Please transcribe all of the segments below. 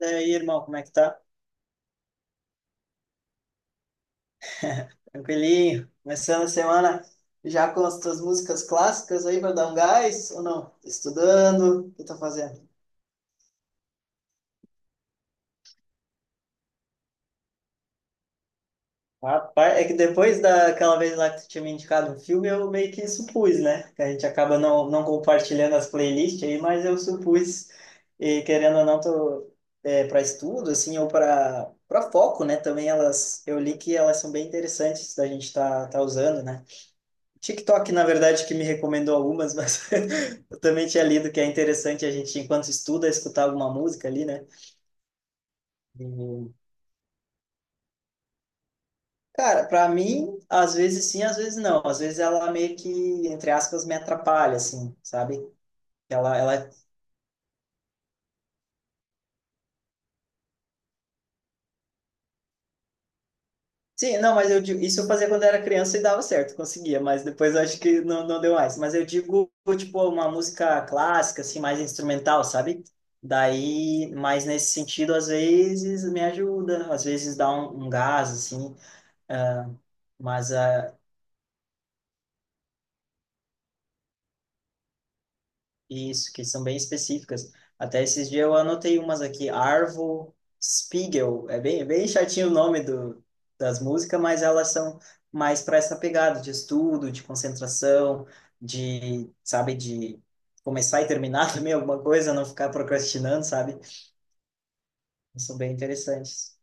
E aí, irmão, como é que tá? Tranquilinho? Começando a semana já com as tuas músicas clássicas aí pra dar um gás ou não? Estudando? O que tá fazendo? Rapaz, é que depois daquela vez lá que tu tinha me indicado um filme, eu meio que supus, né? Que a gente acaba não compartilhando as playlists aí, mas eu supus, e querendo ou não, tô, para estudo, assim, ou para foco, né? Também elas, eu li que elas são bem interessantes da gente tá usando, né? TikTok, na verdade, que me recomendou algumas, mas eu também tinha lido que é interessante a gente, enquanto estuda, escutar alguma música ali, né? E, cara, para mim, às vezes sim, às vezes não. Às vezes ela meio que, entre aspas, me atrapalha, assim, sabe? Ela. Sim, não, mas eu digo, isso eu fazia quando era criança e dava certo, conseguia, mas depois eu acho que não deu mais. Mas eu digo, tipo, uma música clássica, assim, mais instrumental, sabe? Daí, mas nesse sentido, às vezes me ajuda, às vezes dá um gás, assim, ah, mas ah, isso, que são bem específicas. Até esses dias eu anotei umas aqui. Arvo Spiegel. É bem chatinho o nome do, das músicas, mas elas são mais para essa pegada de estudo, de concentração, de, sabe, de começar e terminar também alguma coisa, não ficar procrastinando, sabe? São bem interessantes.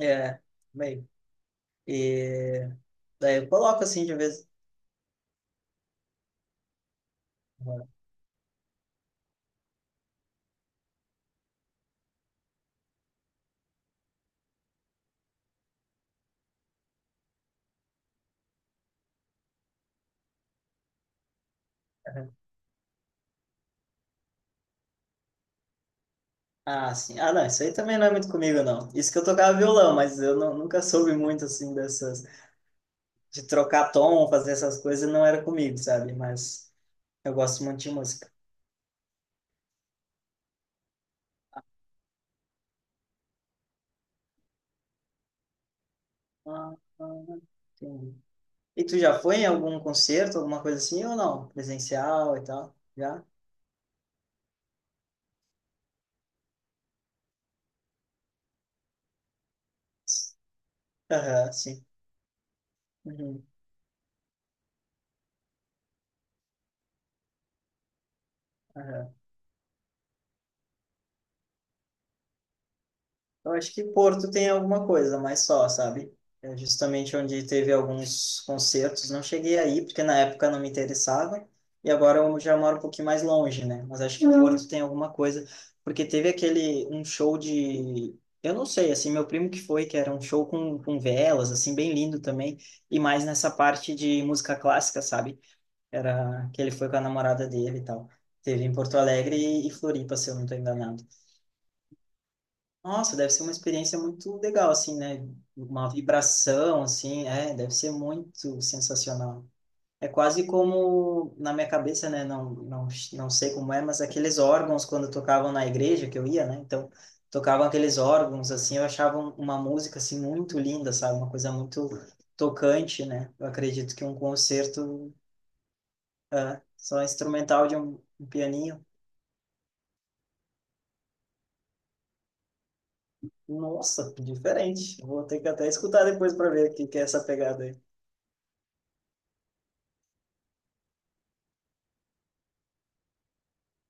É, bem. E daí eu coloco assim de vez. Ah, sim. Ah, não, isso aí também não é muito comigo, não. Isso que eu tocava violão, mas eu nunca soube muito, assim, dessas de trocar tom, fazer essas coisas, não era comigo, sabe? Mas eu gosto muito de música. Ah, ah, Entendi. E tu já foi em algum concerto, alguma coisa assim, ou não? Presencial e tal? Já? Aham, sim. Uhum, aham. Eu acho que Porto tem alguma coisa, mas só, sabe? É justamente onde teve alguns concertos. Não cheguei aí, porque na época não me interessava. E agora eu já moro um pouquinho mais longe, né? Mas acho que Porto tem alguma coisa. Porque teve aquele, um show de… Eu não sei, assim, meu primo que foi, que era um show com velas, assim, bem lindo também. E mais nessa parte de música clássica, sabe? Era que ele foi com a namorada dele e tal. Teve em Porto Alegre e Floripa, se eu não estou enganado. Nossa, deve ser uma experiência muito legal, assim, né? Uma vibração, assim, é, deve ser muito sensacional. É quase como, na minha cabeça, né? Não, não sei como é, mas aqueles órgãos quando tocavam na igreja que eu ia, né? Então, tocavam aqueles órgãos, assim, eu achava uma música, assim, muito linda, sabe? Uma coisa muito tocante, né? Eu acredito que um concerto só instrumental de um pianinho, nossa, diferente. Vou ter que até escutar depois para ver o que que é essa pegada aí.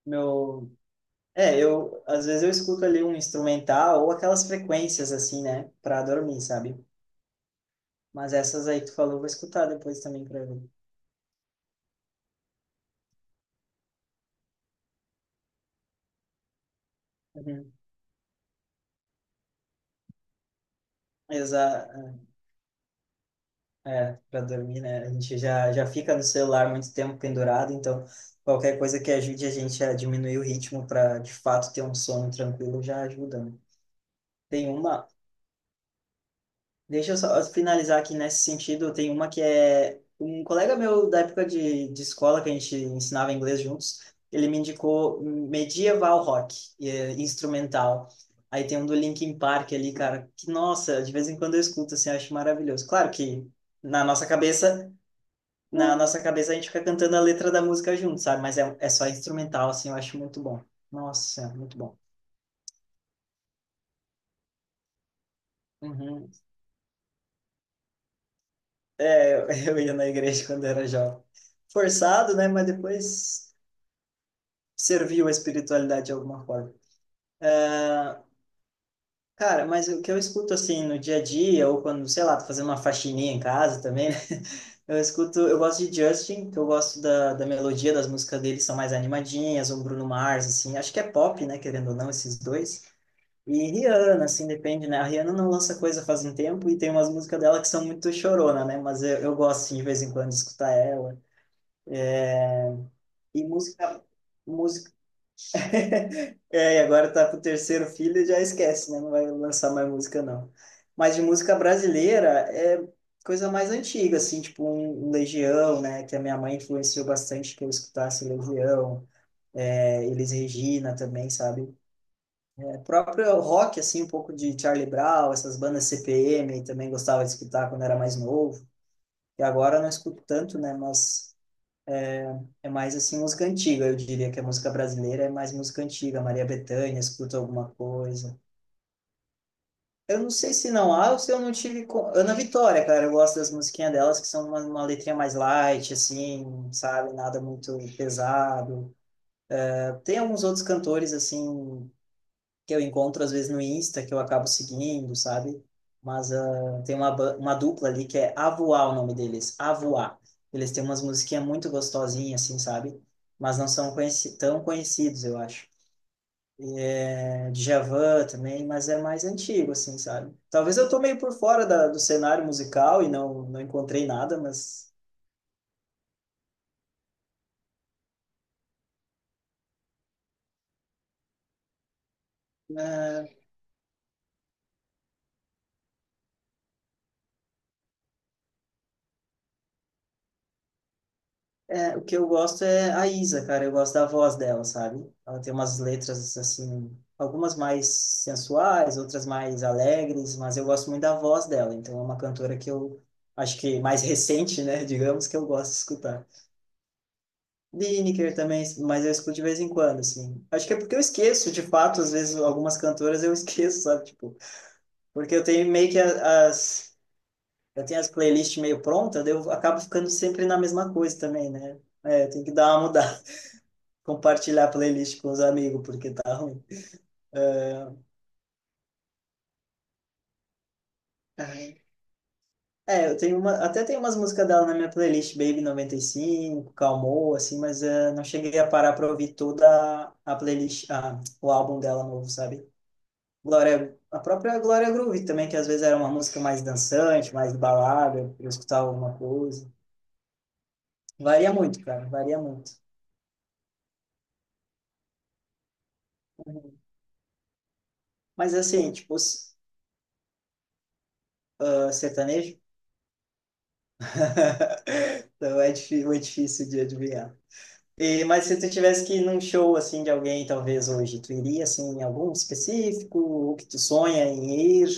Meu, é, eu às vezes eu escuto ali um instrumental ou aquelas frequências assim, né, para dormir, sabe? Mas essas aí que tu falou, eu vou escutar depois também para ver. Uhum. Exa é, para dormir, né? A gente já fica no celular muito tempo pendurado, então qualquer coisa que ajude a gente a diminuir o ritmo para de fato ter um sono tranquilo já ajuda, né? Tem uma. Deixa eu só finalizar aqui nesse sentido. Tem uma que é um colega meu da época de escola, que a gente ensinava inglês juntos, ele me indicou Medieval Rock, e é instrumental. Aí tem um do Linkin Park ali, cara, que nossa, de vez em quando eu escuto, assim, acho maravilhoso. Claro que na nossa cabeça, na nossa cabeça a gente fica cantando a letra da música junto, sabe? Mas é só instrumental, assim, eu acho muito bom. Nossa, muito bom. Uhum. Eu eu ia na igreja quando era jovem. Forçado, né? Mas depois serviu a espiritualidade de alguma forma. Cara, mas o que eu escuto assim no dia a dia, ou quando, sei lá, tô fazendo uma faxininha em casa também, né? Eu escuto, eu gosto de Justin, que eu gosto da, da melodia das músicas dele, são mais animadinhas, ou Bruno Mars, assim, acho que é pop, né, querendo ou não, esses dois. E Rihanna, assim, depende, né? A Rihanna não lança coisa faz um tempo e tem umas músicas dela que são muito chorona, né? Mas eu gosto, assim, de vez em quando, de escutar ela. E música, música é, e agora tá pro terceiro filho e já esquece, né? Não vai lançar mais música, não. Mas de música brasileira é coisa mais antiga, assim, tipo um Legião, né? Que a minha mãe influenciou bastante que eu escutasse Legião, é, Elis Regina também, sabe? É, próprio rock, assim, um pouco de Charlie Brown, essas bandas CPM, também gostava de escutar quando era mais novo. E agora eu não escuto tanto, né? Mas é mais, assim, música antiga, eu diria que a música brasileira é mais música antiga. Maria Bethânia, escuta alguma coisa. Eu não sei se não há ou se eu não tive. Ana Vitória, cara, eu gosto das musiquinhas delas, que são uma letrinha mais light, assim, sabe? Nada muito pesado. Tem alguns outros cantores, assim, que eu encontro às vezes no Insta, que eu acabo seguindo, sabe? Tem uma, uma dupla ali que é Avoar, o nome deles, Avoar. Eles têm umas musiquinhas muito gostosinhas, assim, sabe? Mas não são conheci tão conhecidos, eu acho. É, Djavan também, mas é mais antigo, assim, sabe? Talvez eu tô meio por fora da, do cenário musical e não encontrei nada, mas é, o que eu gosto é a Isa, cara, eu gosto da voz dela, sabe? Ela tem umas letras, assim, algumas mais sensuais, outras mais alegres, mas eu gosto muito da voz dela, então é uma cantora que eu acho que mais recente, né, digamos, que eu gosto de escutar. Lineker também, mas eu escuto de vez em quando, assim. Acho que é porque eu esqueço, de fato, às vezes algumas cantoras eu esqueço, sabe? Tipo, porque eu tenho meio que eu tenho as playlists meio prontas, daí eu acabo ficando sempre na mesma coisa também, né? É, tem que dar uma mudada, compartilhar a playlist com os amigos, porque tá ruim. Aham. É, eu tenho uma, até tem umas músicas dela na minha playlist, Baby 95, Calmou, assim, mas não cheguei a parar pra ouvir toda a playlist, ah, o álbum dela novo, sabe? Glória, a própria Glória Groove também, que às vezes era uma música mais dançante, mais balada, pra eu escutar alguma coisa. Varia muito, cara, varia muito. Mas assim, tipo, sertanejo? Então é difícil de adivinhar. E, mas se tu tivesse que ir num show assim de alguém, talvez hoje, tu iria assim em algum específico, o que tu sonha em ir?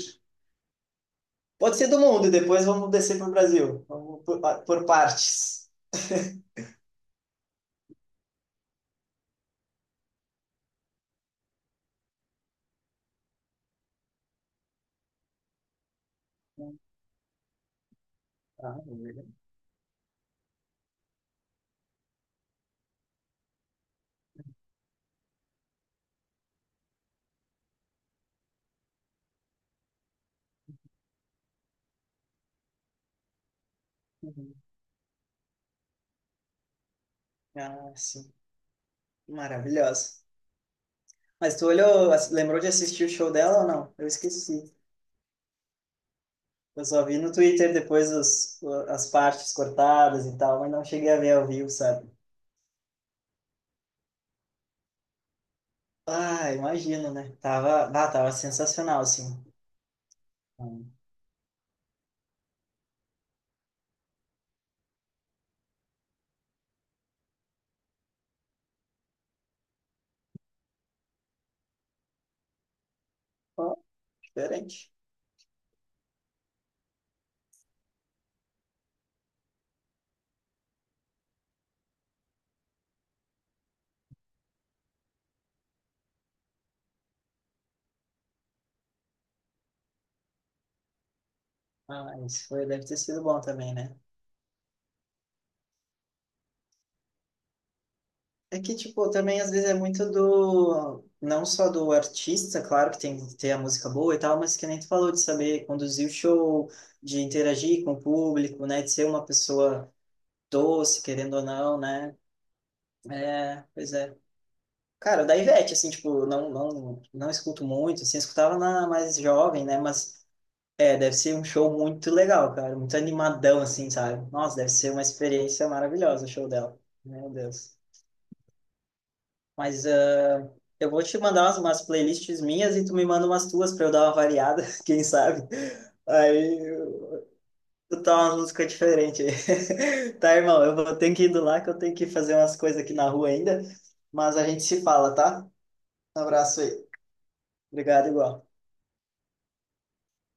Pode ser do mundo, depois vamos descer para o Brasil. Vamos por partes. Ah, beleza. Uhum. Ah, sim. Maravilhosa. Mas tu olhou, lembrou de assistir o show dela ou não? Eu esqueci. Eu só vi no Twitter depois os, as partes cortadas e tal, mas não cheguei a ver ao vivo, sabe? Ah, imagino, né? Tava, bah, tava sensacional, assim. Hum. Ó, diferente. Ah, isso foi, deve ter sido bom também, né? É que, tipo, também às vezes é muito do… Não só do artista, claro que tem que ter a música boa e tal, mas que nem tu falou de saber conduzir o show, de interagir com o público, né? De ser uma pessoa doce, querendo ou não, né? É, pois é. Cara, da Ivete, assim, tipo, não escuto muito, assim, escutava na mais jovem, né? Mas é, deve ser um show muito legal, cara, muito animadão, assim, sabe? Nossa, deve ser uma experiência maravilhosa o show dela. Meu Deus. Mas ah, eu vou te mandar umas, umas playlists minhas e tu me manda umas tuas pra eu dar uma variada, quem sabe? Aí eu tá umas músicas diferentes aí. Tá, irmão, eu vou ter que ir do lá que eu tenho que fazer umas coisas aqui na rua ainda, mas a gente se fala, tá? Um abraço aí. Obrigado, igual.